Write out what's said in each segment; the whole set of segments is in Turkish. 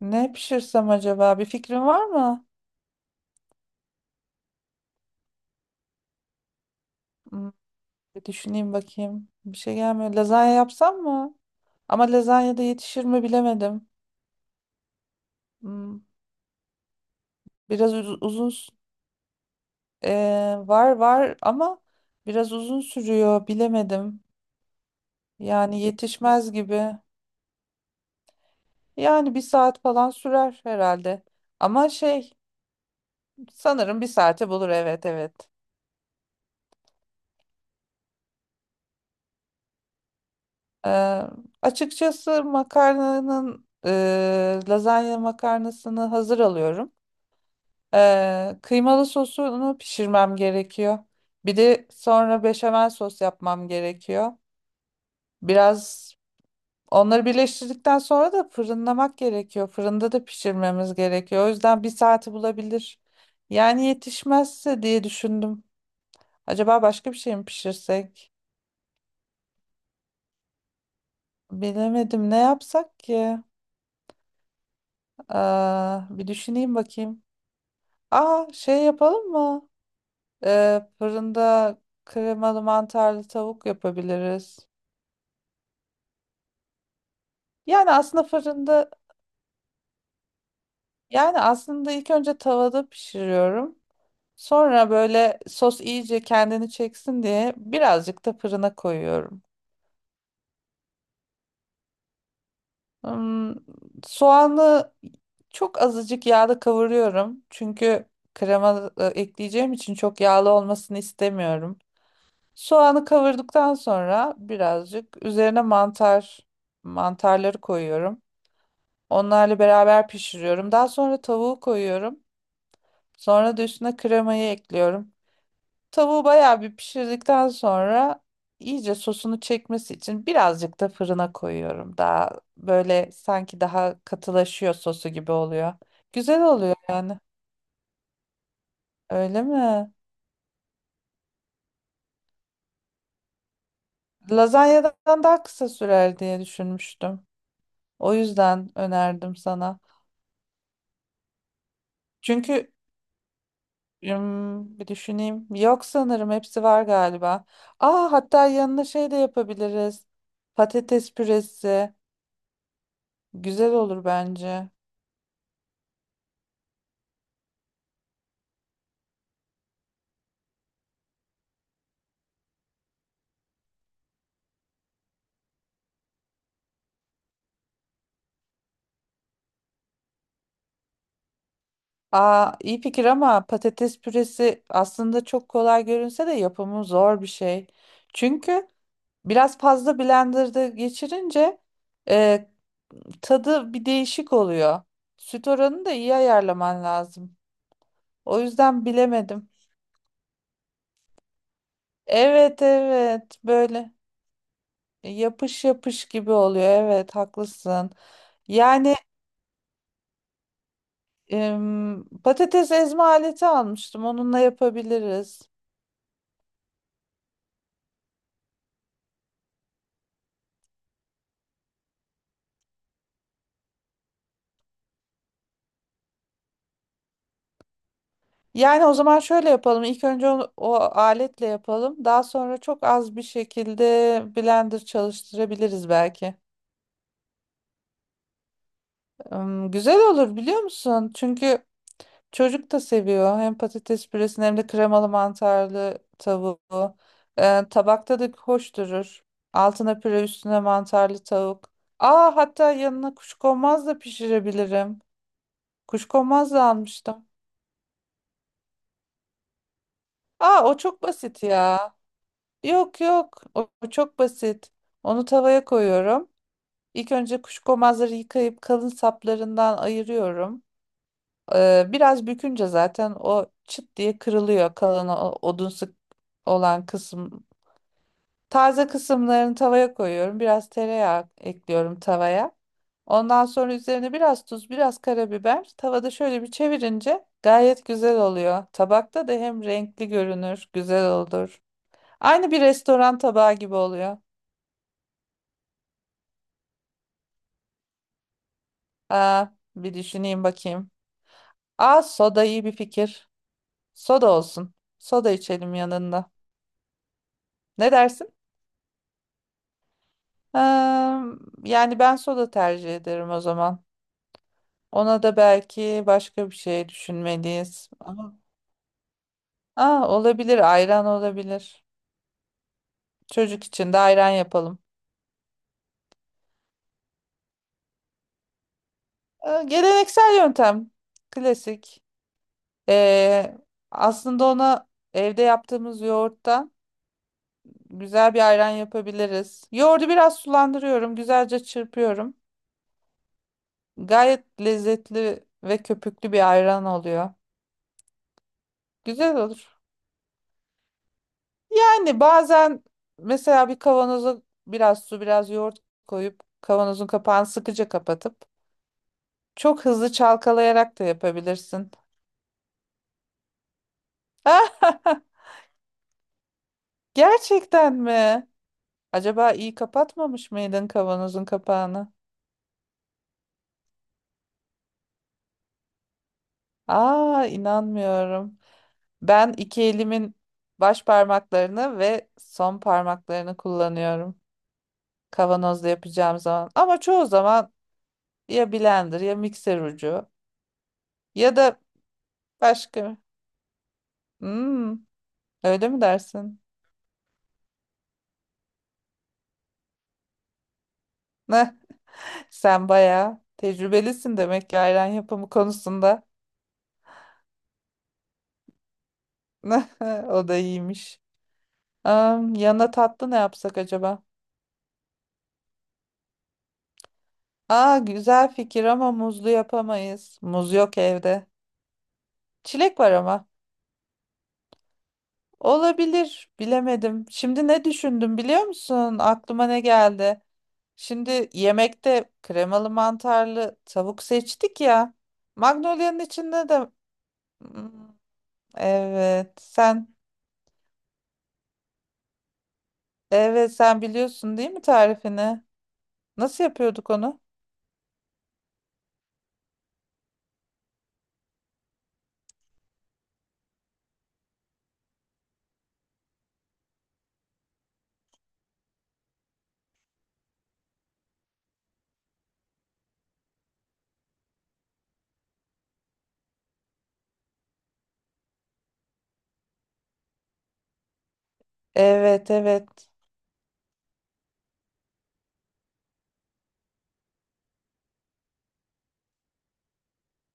Ne pişirsem acaba? Bir fikrin var mı? Hmm, bir düşüneyim bakayım. Bir şey gelmiyor. Lazanya yapsam mı? Ama lazanya da yetişir mi bilemedim. Hmm, biraz uzun var var ama biraz uzun sürüyor bilemedim. Yani yetişmez gibi. Yani bir saat falan sürer herhalde. Ama şey sanırım bir saate bulur, evet evet. Ee, açıkçası makarnanın lazanya makarnasını hazır alıyorum. Kıymalı sosunu pişirmem gerekiyor. Bir de sonra beşamel sos yapmam gerekiyor. Biraz onları birleştirdikten sonra da fırınlamak gerekiyor. Fırında da pişirmemiz gerekiyor. O yüzden bir saati bulabilir. Yani yetişmezse diye düşündüm. Acaba başka bir şey mi pişirsek? Bilemedim, ne yapsak ki? Aa, bir düşüneyim bakayım. Aa, şey yapalım mı? Fırında kremalı mantarlı tavuk yapabiliriz. Yani aslında fırında, yani aslında ilk önce tavada pişiriyorum. Sonra böyle sos iyice kendini çeksin diye birazcık da fırına koyuyorum. Hmm, soğanı çok azıcık yağda kavuruyorum. Çünkü krema ekleyeceğim için çok yağlı olmasını istemiyorum. Soğanı kavurduktan sonra birazcık üzerine mantarları koyuyorum. Onlarla beraber pişiriyorum. Daha sonra tavuğu koyuyorum. Sonra da üstüne kremayı ekliyorum. Tavuğu bayağı bir pişirdikten sonra iyice sosunu çekmesi için birazcık da fırına koyuyorum. Daha böyle sanki daha katılaşıyor sosu gibi oluyor. Güzel oluyor yani. Öyle mi? Lazanyadan daha kısa sürer diye düşünmüştüm. O yüzden önerdim sana. Çünkü bir düşüneyim. Yok, sanırım hepsi var galiba. Aa, hatta yanına şey de yapabiliriz. Patates püresi. Güzel olur bence. Aa, iyi fikir ama patates püresi aslında çok kolay görünse de yapımı zor bir şey. Çünkü biraz fazla blenderda geçirince e, tadı bir değişik oluyor. Süt oranını da iyi ayarlaman lazım. O yüzden bilemedim. Evet evet, böyle yapış yapış gibi oluyor. Evet, haklısın. Yani patates ezme aleti almıştım. Onunla yapabiliriz. Yani o zaman şöyle yapalım. İlk önce o aletle yapalım. Daha sonra çok az bir şekilde blender çalıştırabiliriz belki. Güzel olur biliyor musun? Çünkü çocuk da seviyor. Hem patates püresini hem de kremalı mantarlı tavuğu. Tabakta da hoş durur. Altına püre, üstüne mantarlı tavuk. Aa, hatta yanına kuşkonmaz da pişirebilirim. Kuşkonmaz da almıştım. Aa, o çok basit ya. Yok yok, o çok basit. Onu tavaya koyuyorum. İlk önce kuşkonmazları yıkayıp kalın saplarından ayırıyorum. Biraz bükünce zaten o çıt diye kırılıyor, kalın odunsu olan kısım. Taze kısımlarını tavaya koyuyorum. Biraz tereyağı ekliyorum tavaya. Ondan sonra üzerine biraz tuz, biraz karabiber. Tavada şöyle bir çevirince gayet güzel oluyor. Tabakta da hem renkli görünür, güzel olur. Aynı bir restoran tabağı gibi oluyor. Aa, bir düşüneyim bakayım. Aa, soda iyi bir fikir. Soda olsun. Soda içelim yanında. Ne dersin? Ee, yani ben soda tercih ederim o zaman. Ona da belki başka bir şey düşünmeliyiz. Ama aa, olabilir, ayran olabilir. Çocuk için de ayran yapalım. Geleneksel yöntem. Klasik. Ee, aslında ona evde yaptığımız yoğurttan güzel bir ayran yapabiliriz. Yoğurdu biraz sulandırıyorum, güzelce çırpıyorum. Gayet lezzetli ve köpüklü bir ayran oluyor. Güzel olur. Yani bazen mesela bir kavanoza biraz su, biraz yoğurt koyup kavanozun kapağını sıkıca kapatıp çok hızlı çalkalayarak da yapabilirsin. Gerçekten mi? Acaba iyi kapatmamış mıydın kavanozun kapağını? Aa, inanmıyorum. Ben iki elimin baş parmaklarını ve son parmaklarını kullanıyorum kavanozda yapacağım zaman. Ama çoğu zaman ya blender, ya mikser ucu, ya da başka. Hmm, öyle mi dersin? Sen bayağı tecrübelisin demek ki ayran yapımı konusunda. O da iyiymiş. Yanına tatlı ne yapsak acaba? Aa, güzel fikir ama muzlu yapamayız. Muz yok evde. Çilek var ama. Olabilir, bilemedim. Şimdi ne düşündüm biliyor musun? Aklıma ne geldi? Şimdi yemekte kremalı mantarlı tavuk seçtik ya. Magnolia'nın içinde de. Hmm, evet sen evet sen biliyorsun değil mi tarifini? Nasıl yapıyorduk onu? Evet evet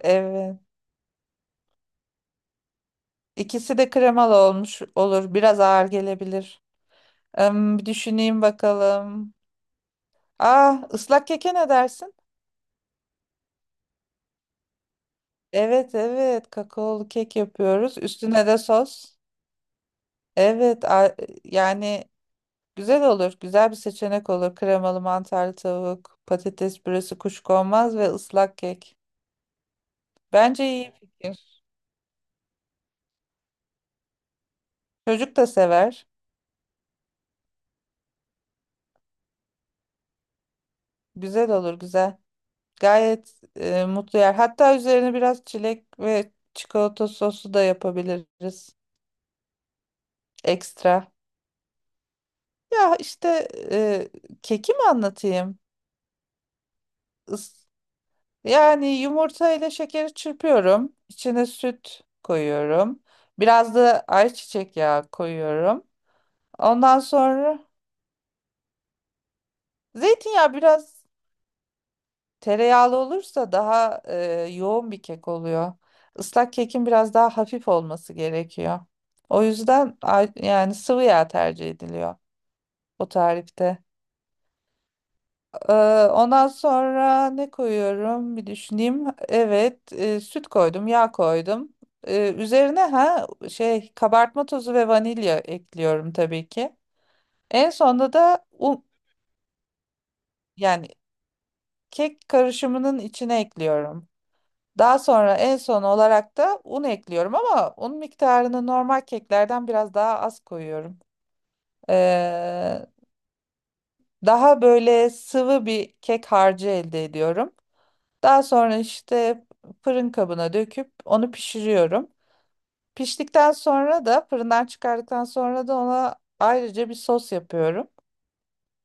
evet. İkisi de kremalı olmuş olur. Biraz ağır gelebilir. Bir düşüneyim bakalım. Ah, ıslak keke ne dersin? Evet evet, kakaolu kek yapıyoruz. Üstüne de sos. Evet, yani güzel olur. Güzel bir seçenek olur. Kremalı mantarlı tavuk, patates püresi, kuşkonmaz ve ıslak kek. Bence iyi fikir. Çocuk da sever. Güzel olur, güzel. Gayet mutlu yer. Hatta üzerine biraz çilek ve çikolata sosu da yapabiliriz. Ekstra. Ya işte keki mi anlatayım? Is yani yumurta ile şekeri çırpıyorum. İçine süt koyuyorum. Biraz da ayçiçek yağı koyuyorum. Ondan sonra zeytinyağı biraz, tereyağlı olursa daha yoğun bir kek oluyor. Islak kekin biraz daha hafif olması gerekiyor. O yüzden yani sıvı yağ tercih ediliyor o tarifte. Ee, ondan sonra ne koyuyorum bir düşüneyim. Evet, süt koydum, yağ koydum. Üzerine ha, şey, kabartma tozu ve vanilya ekliyorum tabii ki. En sonunda da un, yani kek karışımının içine ekliyorum. Daha sonra en son olarak da un ekliyorum ama un miktarını normal keklerden biraz daha az koyuyorum. Ee, daha böyle sıvı bir kek harcı elde ediyorum. Daha sonra işte fırın kabına döküp onu pişiriyorum. Piştikten sonra da fırından çıkardıktan sonra da ona ayrıca bir sos yapıyorum.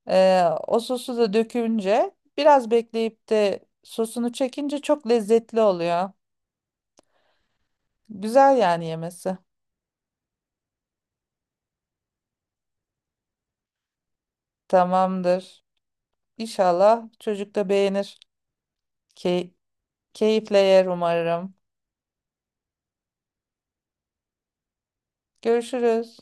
Ee, o sosu da dökünce biraz bekleyip de sosunu çekince çok lezzetli oluyor. Güzel yani yemesi. Tamamdır. İnşallah çocuk da beğenir. Key keyifle yer umarım. Görüşürüz.